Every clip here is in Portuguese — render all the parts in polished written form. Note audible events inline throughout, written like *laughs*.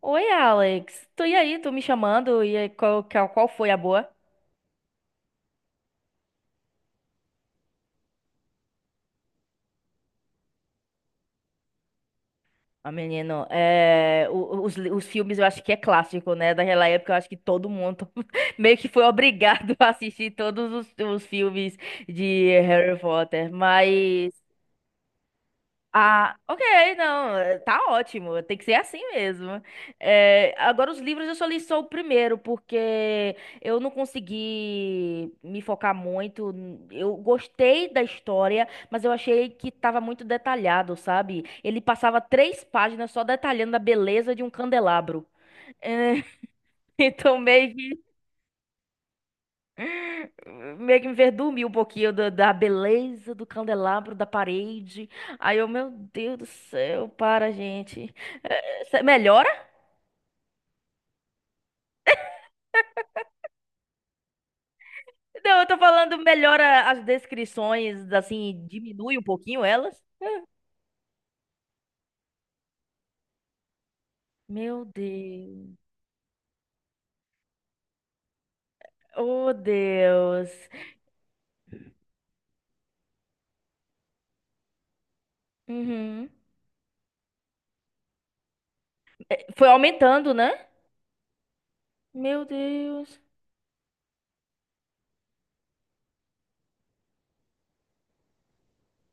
Oi, Alex. Tu e aí? Tu me chamando? E aí, qual foi a boa? Ah, menino, os filmes eu acho que é clássico, né? Daquela época eu acho que todo mundo *laughs* meio que foi obrigado *laughs* a assistir todos os filmes de Harry Potter. Mas. Ah, ok, não, tá ótimo, tem que ser assim mesmo. Agora, os livros eu só li só o primeiro, porque eu não consegui me focar muito. Eu gostei da história, mas eu achei que tava muito detalhado, sabe? Ele passava três páginas só detalhando a beleza de um candelabro. Eh, *laughs* então, meio que. Meio que me enverdume um pouquinho da beleza do candelabro, da parede. Aí eu, meu Deus do céu, para, gente. É, melhora? Não, eu tô falando, melhora as descrições, assim, diminui um pouquinho elas. Meu Deus. Oh, Deus. Uhum. Foi aumentando, né? Meu Deus.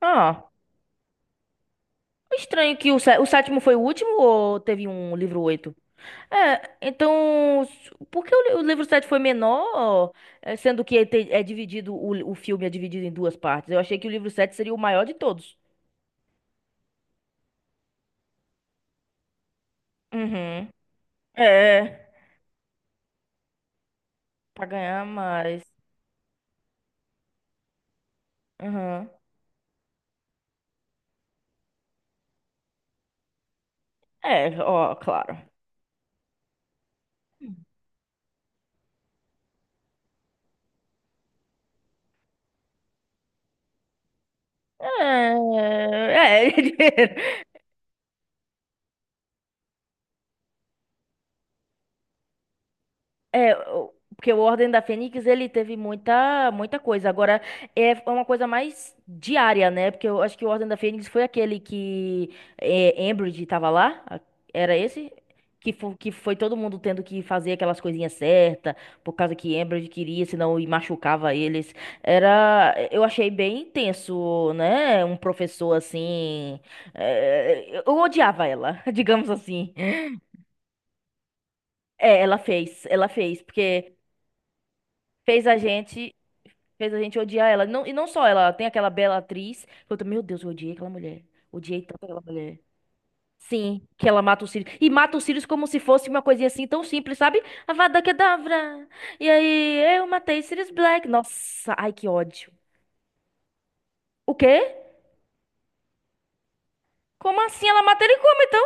Ah, estranho que o sétimo foi o último ou teve um livro oito. É, então, por que o livro 7 foi menor, sendo que é dividido, o filme é dividido em duas partes? Eu achei que o livro sete seria o maior de todos. Uhum. É, pra ganhar mais. Uhum. É, ó, claro. É, é *laughs* dinheiro. É, porque o Ordem da Fênix, ele teve muita, muita coisa. Agora, é uma coisa mais diária, né? Porque eu acho que o Ordem da Fênix foi aquele que Umbridge tava lá. Era esse? Que foi todo mundo tendo que fazer aquelas coisinhas certas, por causa que Umbridge queria, senão e machucava eles. Era, eu achei bem tenso, né? Um professor assim. Eu odiava ela, *laughs* digamos assim. É, ela fez, porque fez a gente. Fez a gente odiar ela. Não, e não só ela, tem aquela bela atriz. Que Eu, tô, meu Deus, eu odiei aquela mulher. Odiei tanto aquela mulher. Sim, que ela mata o Sirius. E mata o Sirius como se fosse uma coisinha assim tão simples, sabe? Avada Kedavra. E aí, eu matei Sirius Black. Nossa, ai que ódio. O quê? Como assim? Ela mata ele como então?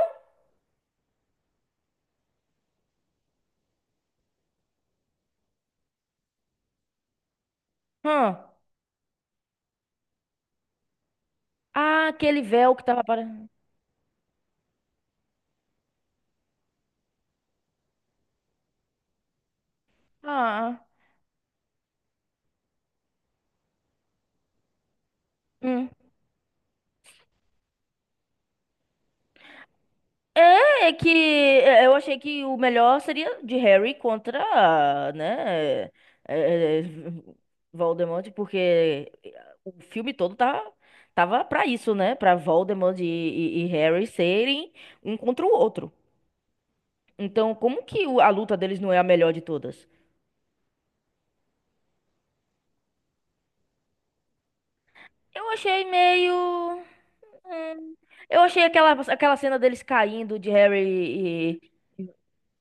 Hã? Ah, aquele véu que tava para. Ah. Hum. É que eu achei que o melhor seria de Harry contra, né, é, é, Voldemort, porque o filme todo tava pra isso, né, pra Voldemort e Harry serem um contra o outro. Então, como que a luta deles não é a melhor de todas? Eu achei meio... hum, eu achei aquela cena deles caindo de Harry.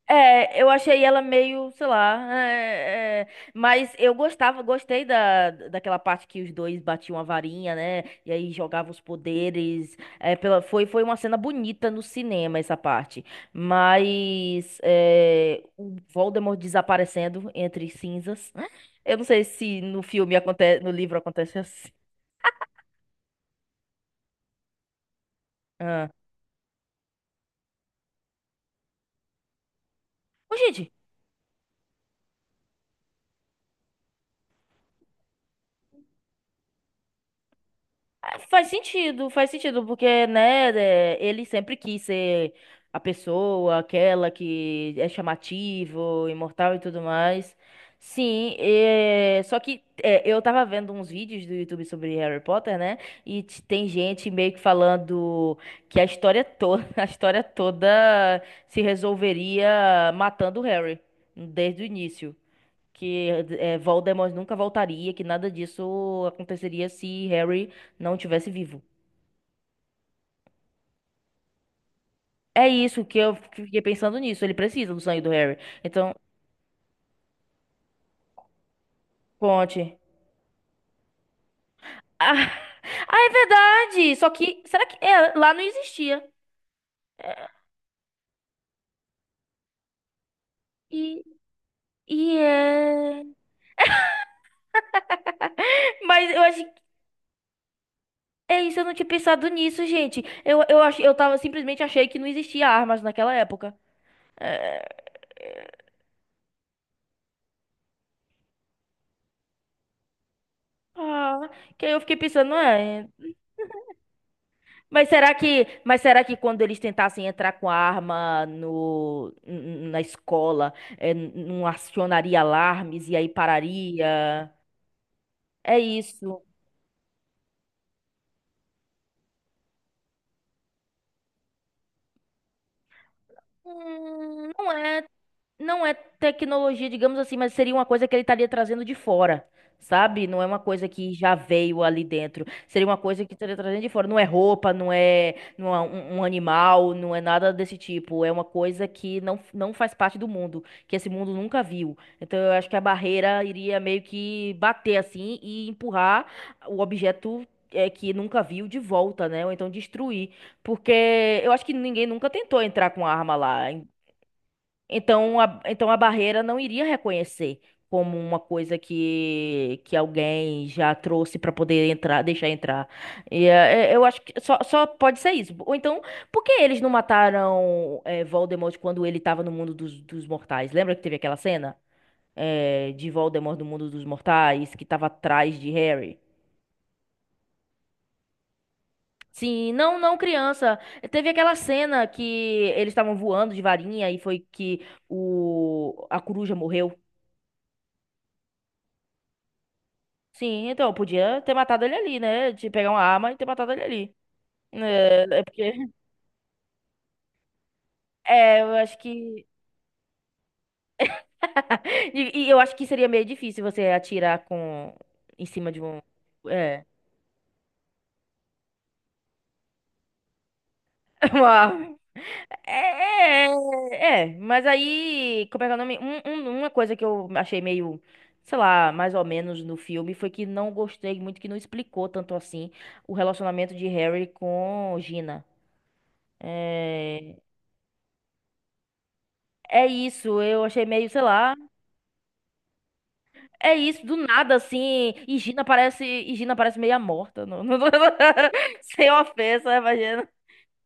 É, eu achei ela meio, sei lá, mas eu gostei daquela parte que os dois batiam a varinha, né? E aí jogavam os poderes. Foi uma cena bonita no cinema essa parte. Mas o Voldemort desaparecendo entre cinzas. Eu não sei se no filme acontece, no livro acontece assim. Ah. Ô, gente. Ah, faz sentido, faz sentido, porque, né, ele sempre quis ser a pessoa, aquela que é chamativo, imortal e tudo mais. Sim, só que eu tava vendo uns vídeos do YouTube sobre Harry Potter, né? E tem gente meio que falando que a história toda, *laughs* a história toda se resolveria matando o Harry desde o início que Voldemort nunca voltaria, que nada disso aconteceria se Harry não tivesse vivo. É isso que eu fiquei pensando nisso. Ele precisa do sangue do Harry. Então, conte. Ah, *laughs* ah, é verdade! Só que, será que lá não existia? E, e é. *laughs* Mas eu acho que. É isso, eu não tinha pensado nisso, gente. Eu tava, simplesmente achei que não existia armas naquela época. É, ah, que aí eu fiquei pensando, não é? Mas será que quando eles tentassem entrar com a arma no, n- na escola, não acionaria alarmes e aí pararia? É isso. Não é. Não é tecnologia, digamos assim, mas seria uma coisa que ele estaria trazendo de fora, sabe? Não é uma coisa que já veio ali dentro. Seria uma coisa que estaria trazendo de fora. Não é roupa, não é, não é um animal, não é nada desse tipo. É uma coisa que não faz parte do mundo, que esse mundo nunca viu. Então eu acho que a barreira iria meio que bater assim e empurrar o objeto. Que nunca viu de volta, né? Ou então destruir. Porque eu acho que ninguém nunca tentou entrar com arma lá. Então a barreira não iria reconhecer como uma coisa que alguém já trouxe para poder entrar, deixar entrar. E eu acho que só pode ser isso. Ou então, por que eles não mataram Voldemort quando ele estava no mundo dos mortais? Lembra que teve aquela cena de Voldemort no mundo dos mortais que estava atrás de Harry? Sim, não, não, criança. Teve aquela cena que eles estavam voando de varinha e foi que a coruja morreu. Sim, então, eu podia ter matado ele ali, né? De pegar uma arma e ter matado ele ali. É porque. *laughs* É, eu acho que. *laughs* E eu acho que seria meio difícil você atirar com. Em cima de um. É. *laughs* Uma arma. É, é, mas aí. Como é que é o nome? Uma coisa que eu achei meio. Sei lá, mais ou menos no filme, foi que não gostei muito, que não explicou tanto assim o relacionamento de Harry com Gina. É, é isso, eu achei meio, sei lá. É isso, do nada, assim, e Gina parece meia morta. *laughs* Sem ofensa, imagina.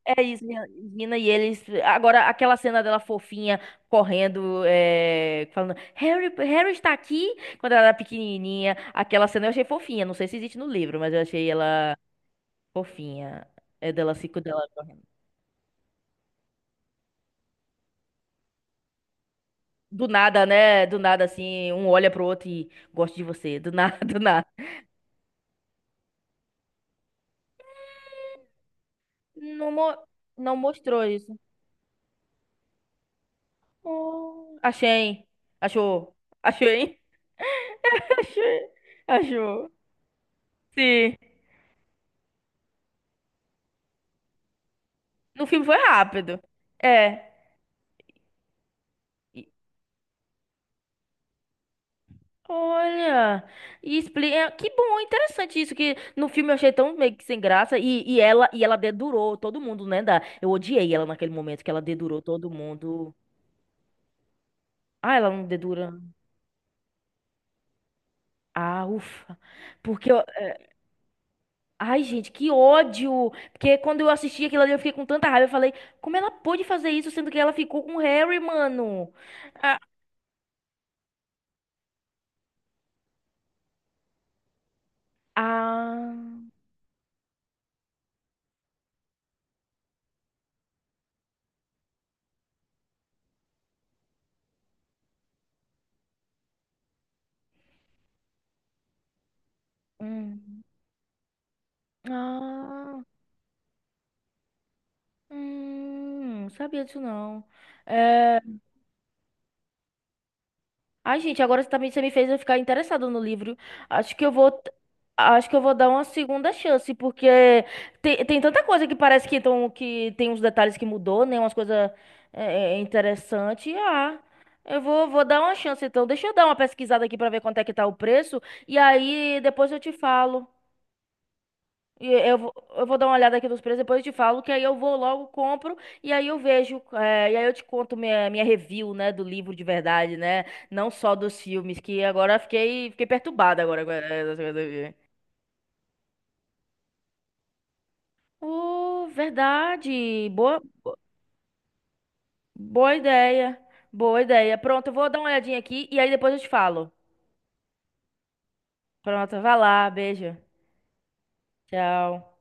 É isso, Gina e eles. Agora, aquela cena dela fofinha, correndo, falando, Harry, Harry está aqui, quando ela era pequenininha. Aquela cena eu achei fofinha, não sei se existe no livro, mas eu achei ela fofinha. É dela, assim, quando ela correndo. Do nada, né? Do nada, assim, um olha pro outro e gosta de você. Do nada, *laughs* do nada. Não, não mostrou isso. Achei. Achou. Achou, hein? *laughs* Achei. Achou. Sim. No filme foi rápido. É. E- Olha. E explica... Que bom, interessante isso, que no filme eu achei tão meio que sem graça. E ela dedurou todo mundo, né? Da... Eu odiei ela naquele momento, que ela dedurou todo mundo. Ah, ela não dedura. Ah, ufa. Porque eu, Ai, gente, que ódio! Porque quando eu assisti aquilo ali, eu fiquei com tanta raiva. Eu falei, como ela pôde fazer isso, sendo que ela ficou com o Harry, mano? Ah, ah, hum, ah, não sabia disso não. É, Ai, gente, agora você também você me fez eu ficar interessado no livro. Acho que eu vou, acho que eu vou dar uma segunda chance, porque tem tanta coisa que parece que tem uns detalhes que mudou, né? Umas coisas interessantes. Ah, eu vou dar uma chance, então. Deixa eu dar uma pesquisada aqui pra ver quanto é que tá o preço, e aí depois eu te falo. Eu vou dar uma olhada aqui nos preços, depois eu te falo, que aí eu vou logo, compro, e aí eu vejo, e aí eu te conto minha review, né, do livro de verdade, né, não só dos filmes, que agora fiquei perturbada agora. Com essa coisa aqui. Oh, verdade, boa, boa ideia, boa ideia. Pronto, eu vou dar uma olhadinha aqui, e aí depois eu te falo. Pronto, vai lá, beijo, tchau.